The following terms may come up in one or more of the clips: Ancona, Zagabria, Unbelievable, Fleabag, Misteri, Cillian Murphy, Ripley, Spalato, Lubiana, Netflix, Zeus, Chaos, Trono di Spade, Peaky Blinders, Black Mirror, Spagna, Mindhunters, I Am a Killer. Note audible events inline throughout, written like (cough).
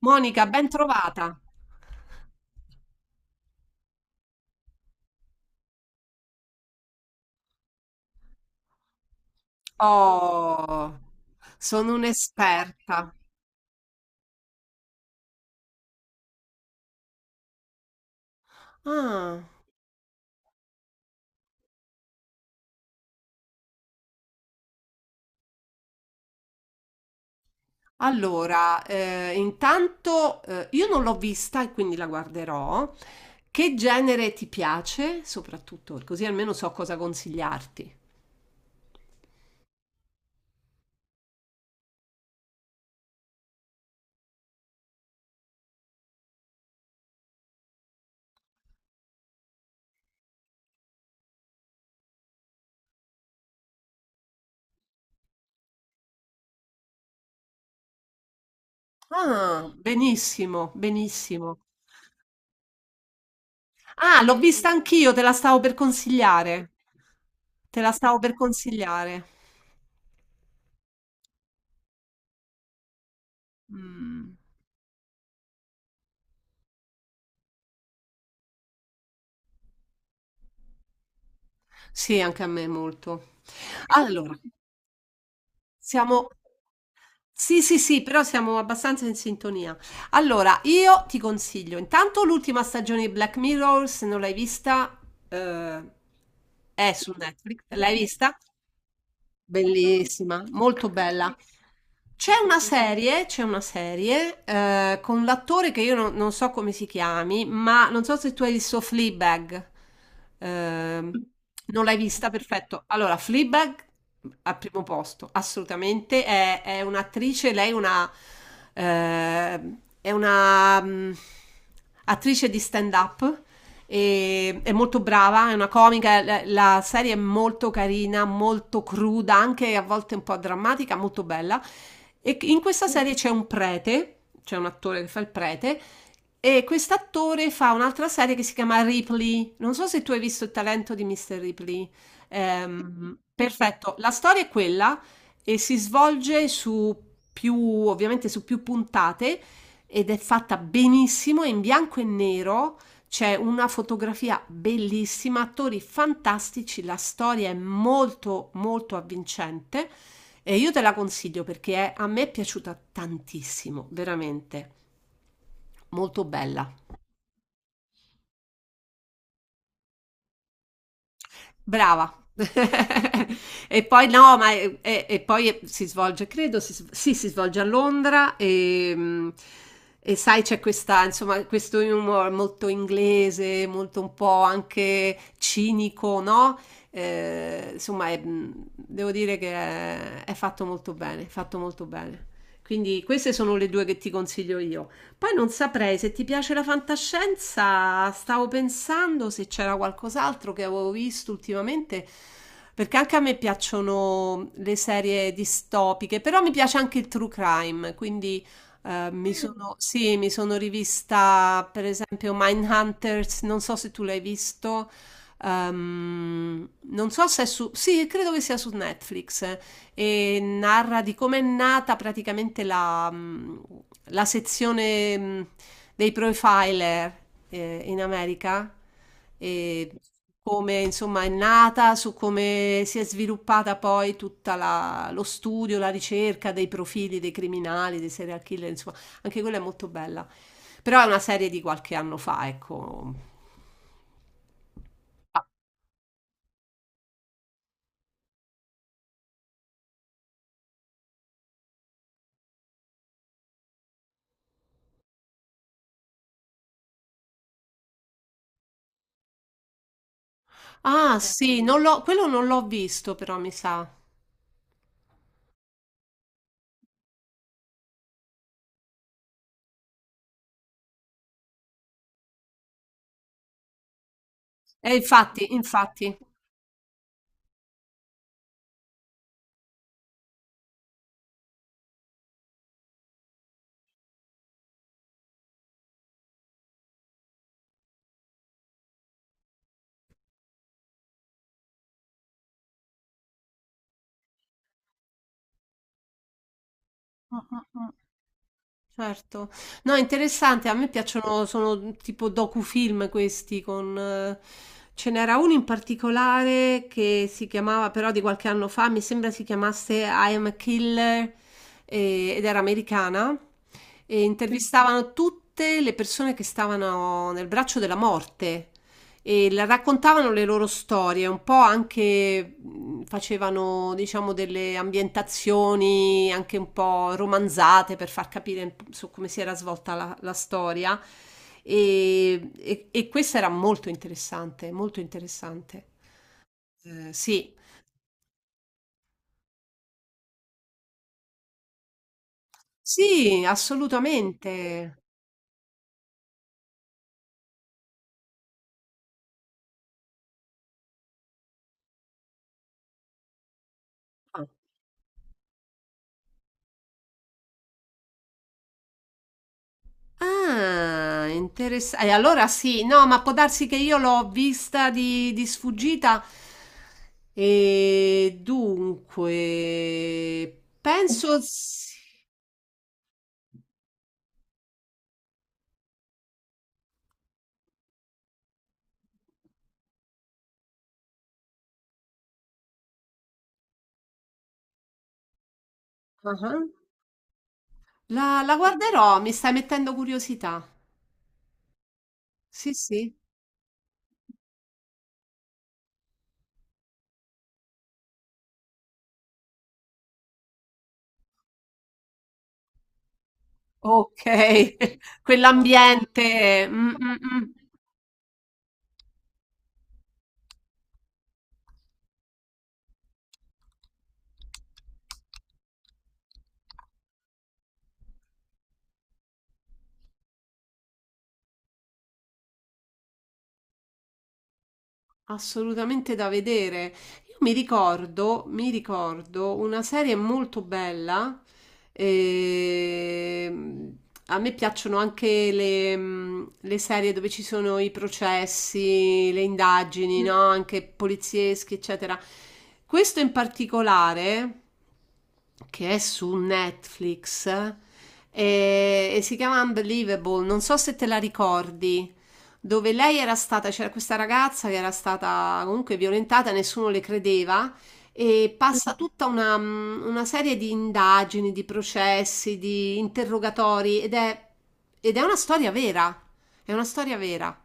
Monica, ben trovata. Oh, sono un'esperta. Ah, allora, intanto io non l'ho vista e quindi la guarderò. Che genere ti piace, soprattutto, così almeno so cosa consigliarti. Ah, benissimo, benissimo. Ah, l'ho vista anch'io, te la stavo per consigliare. Te la stavo per consigliare. Mm. Sì, anche a me molto. Allora. Siamo sì, sì, sì, però siamo abbastanza in sintonia. Allora, io ti consiglio, intanto l'ultima stagione di Black Mirror, se non l'hai vista, eh, è su Netflix. L'hai vista? Bellissima, molto bella. C'è una serie con l'attore che io non, non so come si chiami, ma non so se tu hai visto Fleabag. Ehm, non l'hai vista? Perfetto. Allora, Fleabag al primo posto, assolutamente. È un'attrice, lei eh, è una attrice di stand-up è molto brava, è una comica, la, la serie è molto carina, molto cruda, anche a volte un po' drammatica, molto bella. E in questa serie c'è un prete, c'è un attore che fa il prete, e quest'attore fa un'altra serie che si chiama Ripley. Non so se tu hai visto il talento di Mr. Ripley. Perfetto, la storia è quella e si svolge su più, ovviamente su più puntate ed è fatta benissimo, è in bianco e nero, c'è una fotografia bellissima, attori fantastici, la storia è molto molto avvincente e io te la consiglio perché a me è piaciuta tantissimo, veramente molto bella. Brava. (laughs) E poi no, ma e poi si svolge, credo, sì, si svolge a Londra e, e sai c'è questa, insomma, questo humor molto inglese, molto un po' anche cinico, no? Insomma, è, devo dire che è fatto molto bene, fatto molto bene. Quindi queste sono le due che ti consiglio io. Poi non saprei se ti piace la fantascienza, stavo pensando se c'era qualcos'altro che avevo visto ultimamente, perché anche a me piacciono le serie distopiche, però mi piace anche il true crime, quindi sì, mi sono rivista per esempio Mindhunters, non so se tu l'hai visto, non so se è su, sì, credo che sia su Netflix e narra di come è nata praticamente la, la sezione dei profiler in America e come insomma è nata, su come si è sviluppata poi tutta lo studio, la ricerca dei profili dei criminali, dei serial killer, insomma, anche quella è molto bella. Però è una serie di qualche anno fa, ecco. Ah, sì, non l'ho- quello non l'ho visto, però mi sa. E infatti, infatti, certo. No, è interessante, a me piacciono, sono tipo docufilm questi con... ce n'era uno in particolare che si chiamava, però di qualche anno fa, mi sembra si chiamasse I Am a Killer, ed era americana e intervistavano tutte le persone che stavano nel braccio della morte. E raccontavano le loro storie, un po' anche facevano, diciamo, delle ambientazioni anche un po' romanzate per far capire un po' su come si era svolta la, la storia. E questo era molto interessante, molto interessante. Sì, sì, assolutamente. Ah, interessante. Allora sì, no, ma può darsi che io l'ho vista di sfuggita. E dunque, penso sì. Ah, la, la guarderò, mi stai mettendo curiosità. Sì, sì. Ok, (laughs) quell'ambiente. Mm, mm, mm. Assolutamente da vedere. Io mi ricordo una serie molto bella. ehm, a me piacciono anche le, le serie dove ci sono i processi, le indagini, no? Anche polizieschi, eccetera. Questo in particolare, che è su Netflix, e si chiama Unbelievable. Non so se te la ricordi, dove lei era stata, c'era questa ragazza che era stata comunque violentata, nessuno le credeva, e passa tutta una, una serie di indagini, di processi, di interrogatori ed è una storia vera. È una storia vera.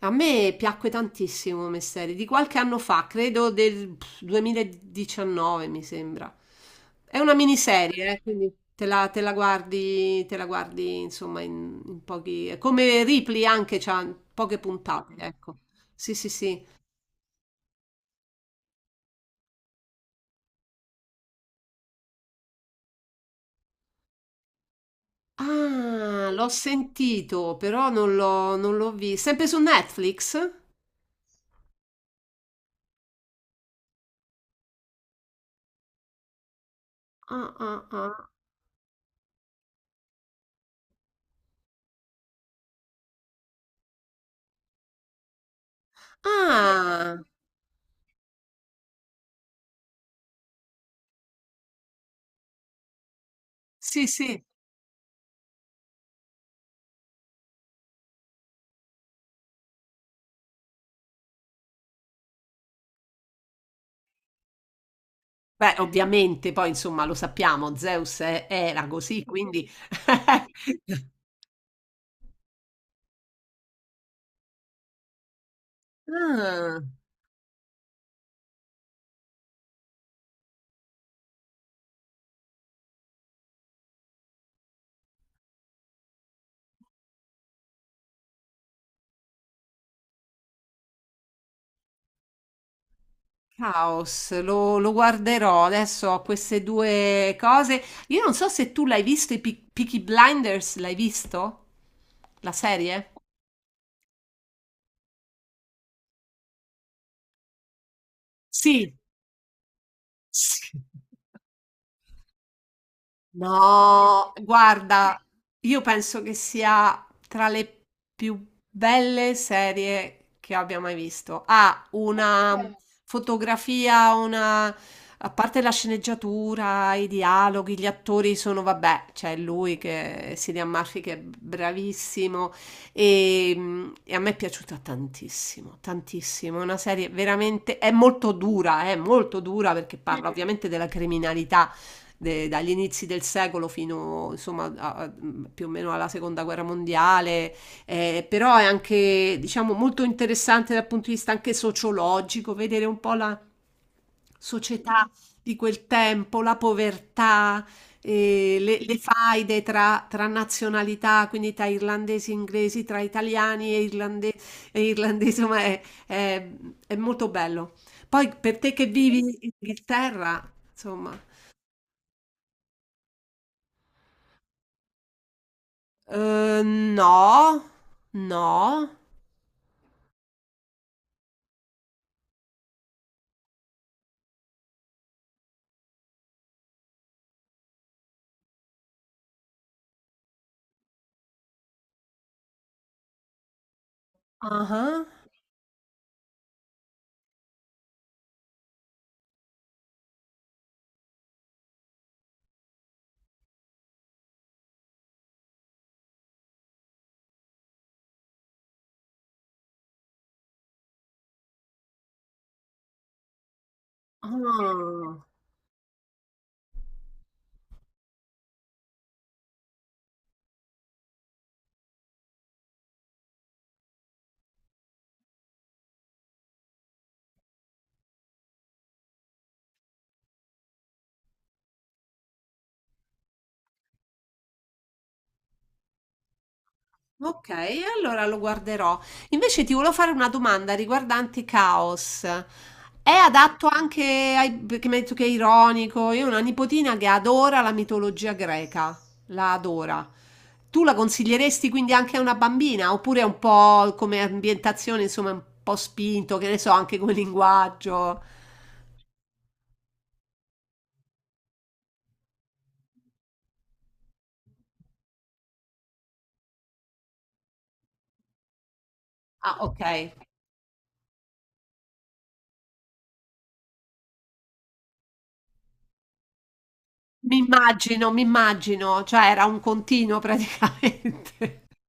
A me piacque tantissimo Misteri, di qualche anno fa, credo del 2019, mi sembra. È una miniserie, quindi te la guardi, insomma, in, in pochi... è come Ripley anche, c'ha poche puntate, ecco. Sì, sì, sì. Ah, l'ho sentito, però non l'ho visto. Sempre su Netflix? Ah, ah, ah. Ah, sì, sì. Beh, ovviamente poi insomma lo sappiamo, Zeus è era così, quindi (laughs) Ah, Chaos, lo, lo guarderò. Adesso ho queste due cose. Io non so se tu l'hai visto, i Peaky Blinders, l'hai visto? La serie? Sì, sì. No, guarda, io penso che sia tra le più belle serie che abbia mai visto. Ha una fotografia, una... A parte la sceneggiatura, i dialoghi, gli attori sono, vabbè, c'è lui che Cillian Murphy che è bravissimo e, e a me è piaciuta tantissimo, tantissimo. È una serie veramente, è molto dura perché parla ovviamente della criminalità dagli inizi del secolo fino insomma più o meno alla seconda guerra mondiale, però è anche diciamo molto interessante dal punto di vista anche sociologico, vedere un po' la società di quel tempo, la povertà, le faide tra, tra nazionalità, quindi tra irlandesi e inglesi, tra italiani e, e irlandesi, insomma è molto bello. Poi per te che vivi in Inghilterra, insomma. No, no. Ah-ah. Ah. Okay, allora lo guarderò. Invece ti volevo fare una domanda riguardante Caos. È adatto anche ai perché mi hai detto che è ironico. Io ho una nipotina che adora la mitologia greca, la adora. Tu la consiglieresti quindi anche a una bambina? Oppure è un po' come ambientazione, insomma, un po' spinto, che ne so, anche come linguaggio? Ah, ok. Mi immagino, cioè era un continuo praticamente. (laughs)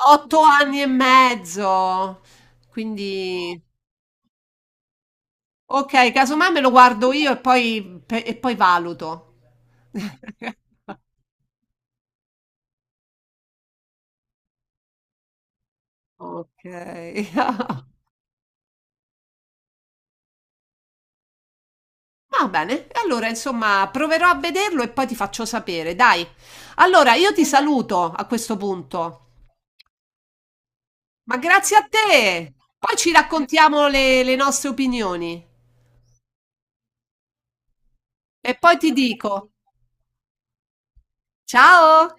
Otto anni e mezzo, quindi ok, casomai me lo guardo io e poi, e poi valuto. (laughs) Ok, (laughs) va bene. E allora, insomma, proverò a vederlo e poi ti faccio sapere, dai. Allora, io ti saluto a questo punto, ma grazie a te. Poi ci raccontiamo le nostre opinioni e poi ti dico. Ciao!